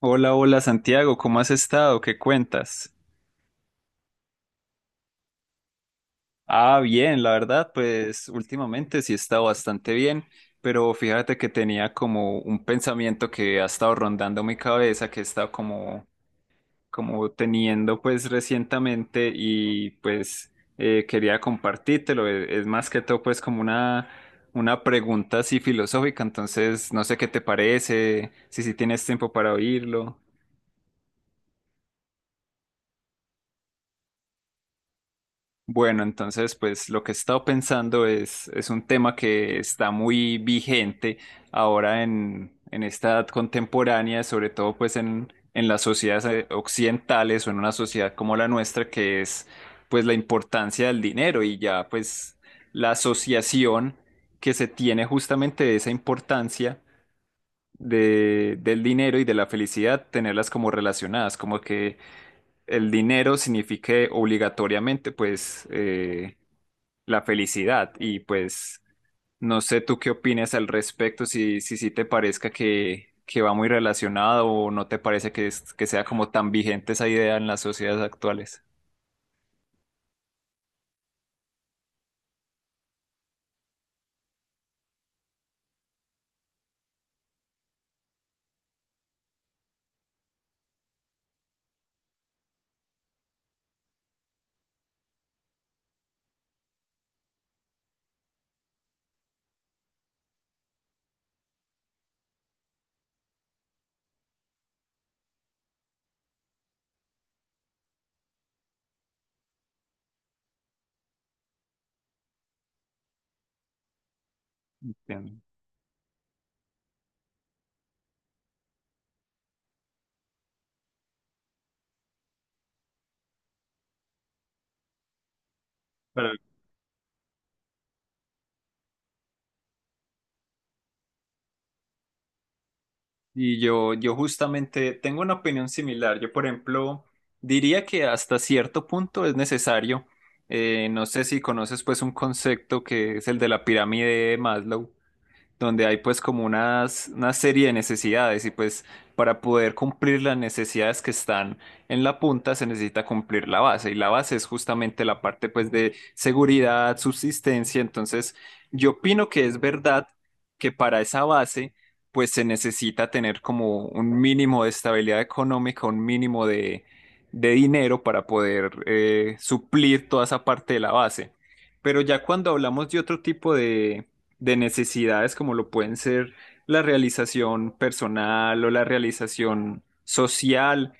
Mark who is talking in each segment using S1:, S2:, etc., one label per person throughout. S1: Hola, hola Santiago, ¿cómo has estado? ¿Qué cuentas? Ah, bien, la verdad, pues últimamente sí he estado bastante bien, pero fíjate que tenía como un pensamiento que ha estado rondando mi cabeza, que he estado como, teniendo pues recientemente y pues quería compartírtelo. Es más que todo pues como una pregunta así filosófica, entonces no sé qué te parece, si tienes tiempo para oírlo. Bueno, entonces, pues lo que he estado pensando es un tema que está muy vigente ahora en, esta edad contemporánea, sobre todo pues en las sociedades occidentales o en una sociedad como la nuestra, que es pues la importancia del dinero y ya pues la asociación que se tiene justamente de esa importancia del dinero y de la felicidad, tenerlas como relacionadas, como que el dinero signifique obligatoriamente pues la felicidad. Y pues no sé tú qué opinas al respecto, si te parezca que, va muy relacionado o no te parece que sea como tan vigente esa idea en las sociedades actuales. Bien. Pero, Y yo justamente tengo una opinión similar. Yo, por ejemplo, diría que hasta cierto punto es necesario. No sé si conoces pues un concepto que es el de la pirámide de Maslow donde hay pues como una serie de necesidades y pues para poder cumplir las necesidades que están en la punta se necesita cumplir la base y la base es justamente la parte pues de seguridad, subsistencia, entonces yo opino que es verdad que para esa base pues se necesita tener como un mínimo de estabilidad económica, un mínimo de dinero para poder suplir toda esa parte de la base. Pero ya cuando hablamos de otro tipo de necesidades como lo pueden ser la realización personal o la realización social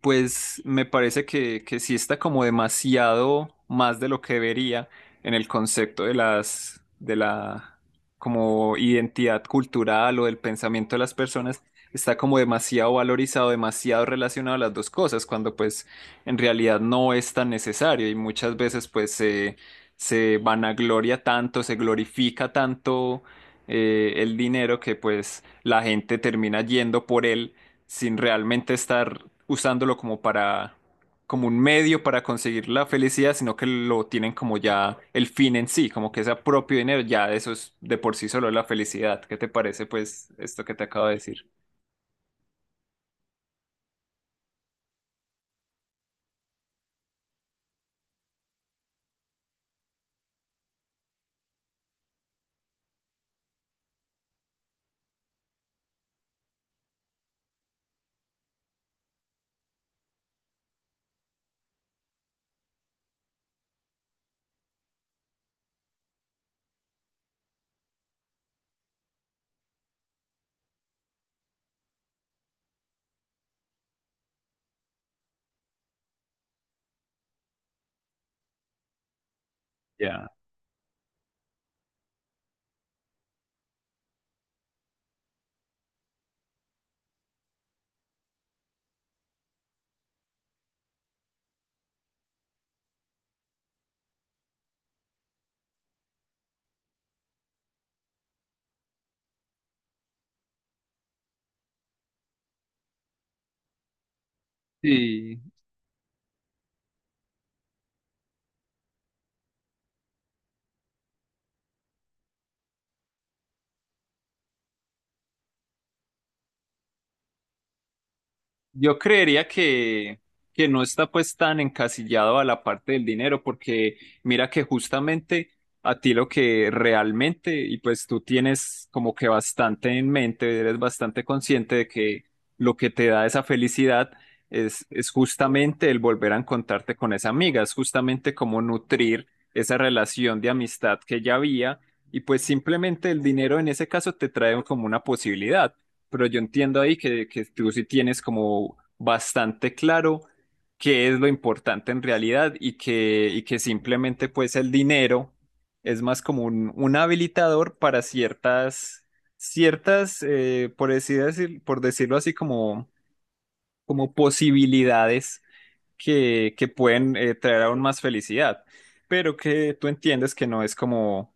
S1: pues me parece que, sí está como demasiado más de lo que debería en el concepto de la como identidad cultural o del pensamiento de las personas, está como demasiado valorizado, demasiado relacionado a las dos cosas, cuando pues en realidad no es tan necesario y muchas veces pues se vanagloria tanto, se glorifica tanto el dinero que pues la gente termina yendo por él sin realmente estar usándolo como un medio para conseguir la felicidad, sino que lo tienen como ya el fin en sí, como que ese propio dinero, ya eso es de por sí solo la felicidad. ¿Qué te parece pues esto que te acabo de decir? Ya. Sí. Yo creería que, no está pues tan encasillado a la parte del dinero, porque mira que justamente a ti lo que realmente, y pues tú tienes como que bastante en mente, eres bastante consciente de que lo que te da esa felicidad es justamente el volver a encontrarte con esa amiga, es justamente como nutrir esa relación de amistad que ya había, y pues simplemente el dinero en ese caso te trae como una posibilidad, pero yo entiendo ahí que, tú sí tienes como bastante claro qué es lo importante en realidad y que, simplemente pues el dinero es más como un, habilitador para ciertas, por decirlo así, como, posibilidades que pueden traer aún más felicidad, pero que tú entiendes que no es como,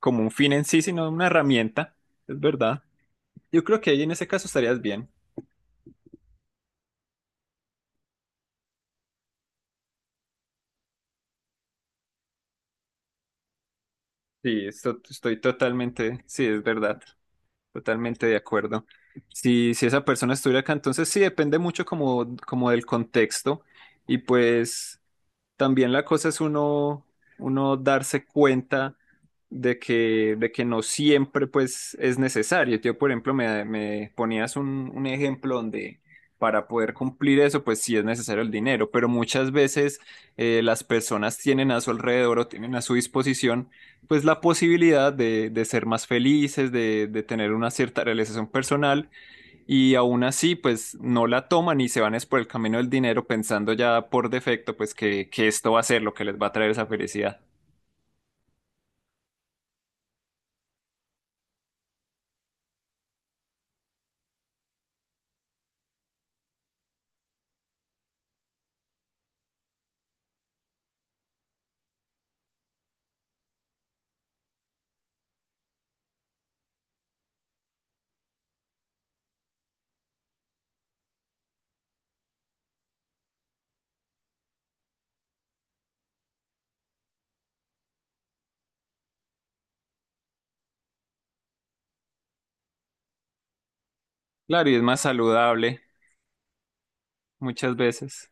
S1: como un fin en sí, sino una herramienta, es verdad. Yo creo que ahí en ese caso estarías bien. Sí, estoy totalmente, sí, es verdad, totalmente de acuerdo. Si esa persona estuviera acá, entonces sí, depende mucho como, del contexto y pues también la cosa es uno, darse cuenta de que no siempre pues es necesario. Yo, por ejemplo, me, ponías un ejemplo donde para poder cumplir eso, pues sí es necesario el dinero, pero muchas veces las personas tienen a su alrededor o tienen a su disposición pues la posibilidad de ser más felices, de tener una cierta realización personal y aún así, pues no la toman y se van es por el camino del dinero pensando ya por defecto, pues que esto va a ser lo que les va a traer esa felicidad. Claro, y es más saludable muchas veces.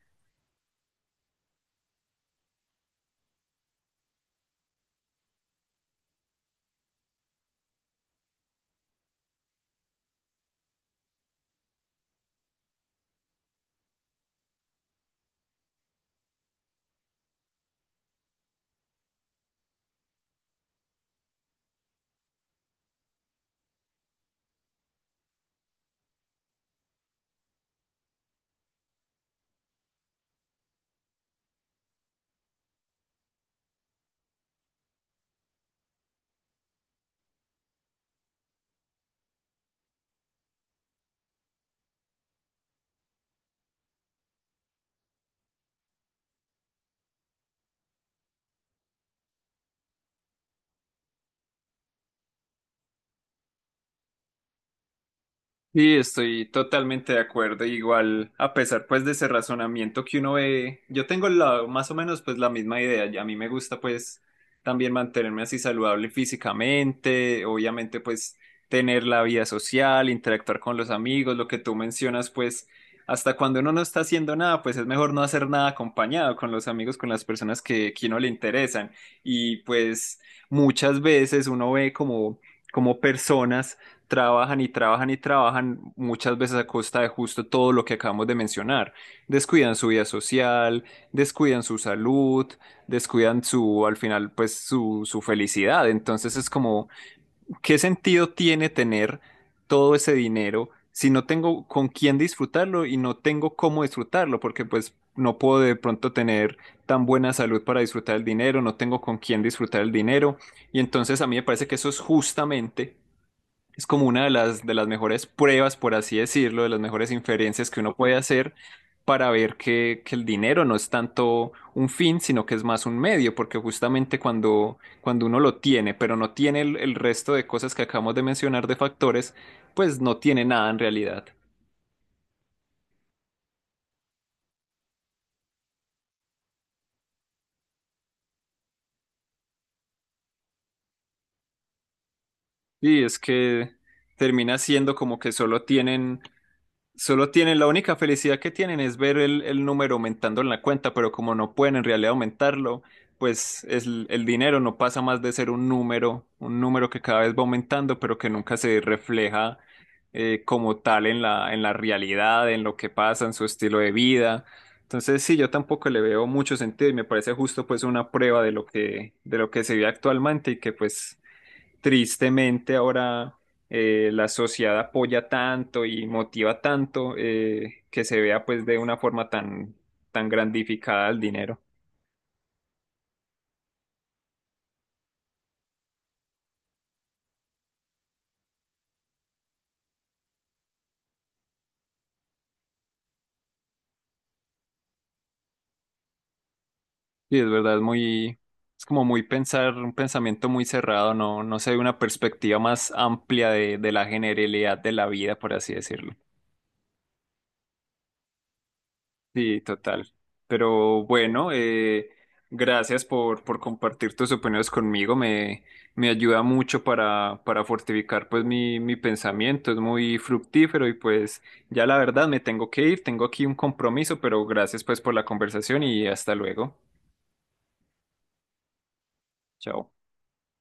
S1: Sí, estoy totalmente de acuerdo. Igual, a pesar pues de ese razonamiento que uno ve, yo tengo , más o menos pues la misma idea. Y a mí me gusta pues también mantenerme así saludable físicamente, obviamente pues tener la vida social, interactuar con los amigos, lo que tú mencionas pues hasta cuando uno no está haciendo nada, pues es mejor no hacer nada acompañado con los amigos, con las personas que, uno le interesan. Y pues muchas veces uno ve como personas trabajan y trabajan y trabajan muchas veces a costa de justo todo lo que acabamos de mencionar. Descuidan su vida social, descuidan su salud, descuidan, al final, pues su felicidad. Entonces es como, ¿qué sentido tiene tener todo ese dinero si no tengo con quién disfrutarlo y no tengo cómo disfrutarlo? Porque pues no puedo de pronto tener tan buena salud para disfrutar el dinero, no tengo con quién disfrutar el dinero. Y entonces a mí me parece que eso es justamente es como una de las mejores pruebas, por así decirlo, de las mejores inferencias que uno puede hacer para ver que, el dinero no es tanto un fin, sino que es más un medio, porque justamente cuando, uno lo tiene, pero no tiene el resto de cosas que acabamos de mencionar de factores, pues no tiene nada en realidad. Y es que termina siendo como que solo tienen, la única felicidad que tienen es ver el número aumentando en la cuenta, pero como no pueden en realidad aumentarlo, pues el dinero no pasa más de ser un número que cada vez va aumentando, pero que nunca se refleja como tal en la realidad, en lo que pasa, en su estilo de vida. Entonces, sí, yo tampoco le veo mucho sentido y me parece justo pues una prueba de lo que se vive actualmente y que pues tristemente ahora la sociedad apoya tanto y motiva tanto que se vea pues de una forma tan, grandificada el dinero. Y es verdad, es como muy pensar, un pensamiento muy cerrado, no se ve una perspectiva más amplia de la generalidad de la vida, por así decirlo. Sí, total. Pero bueno, gracias por, compartir tus opiniones conmigo. me, ayuda mucho para, fortificar pues mi pensamiento. Es muy fructífero y pues ya la verdad me tengo que ir. Tengo aquí un compromiso, pero gracias pues por la conversación y hasta luego. Chao.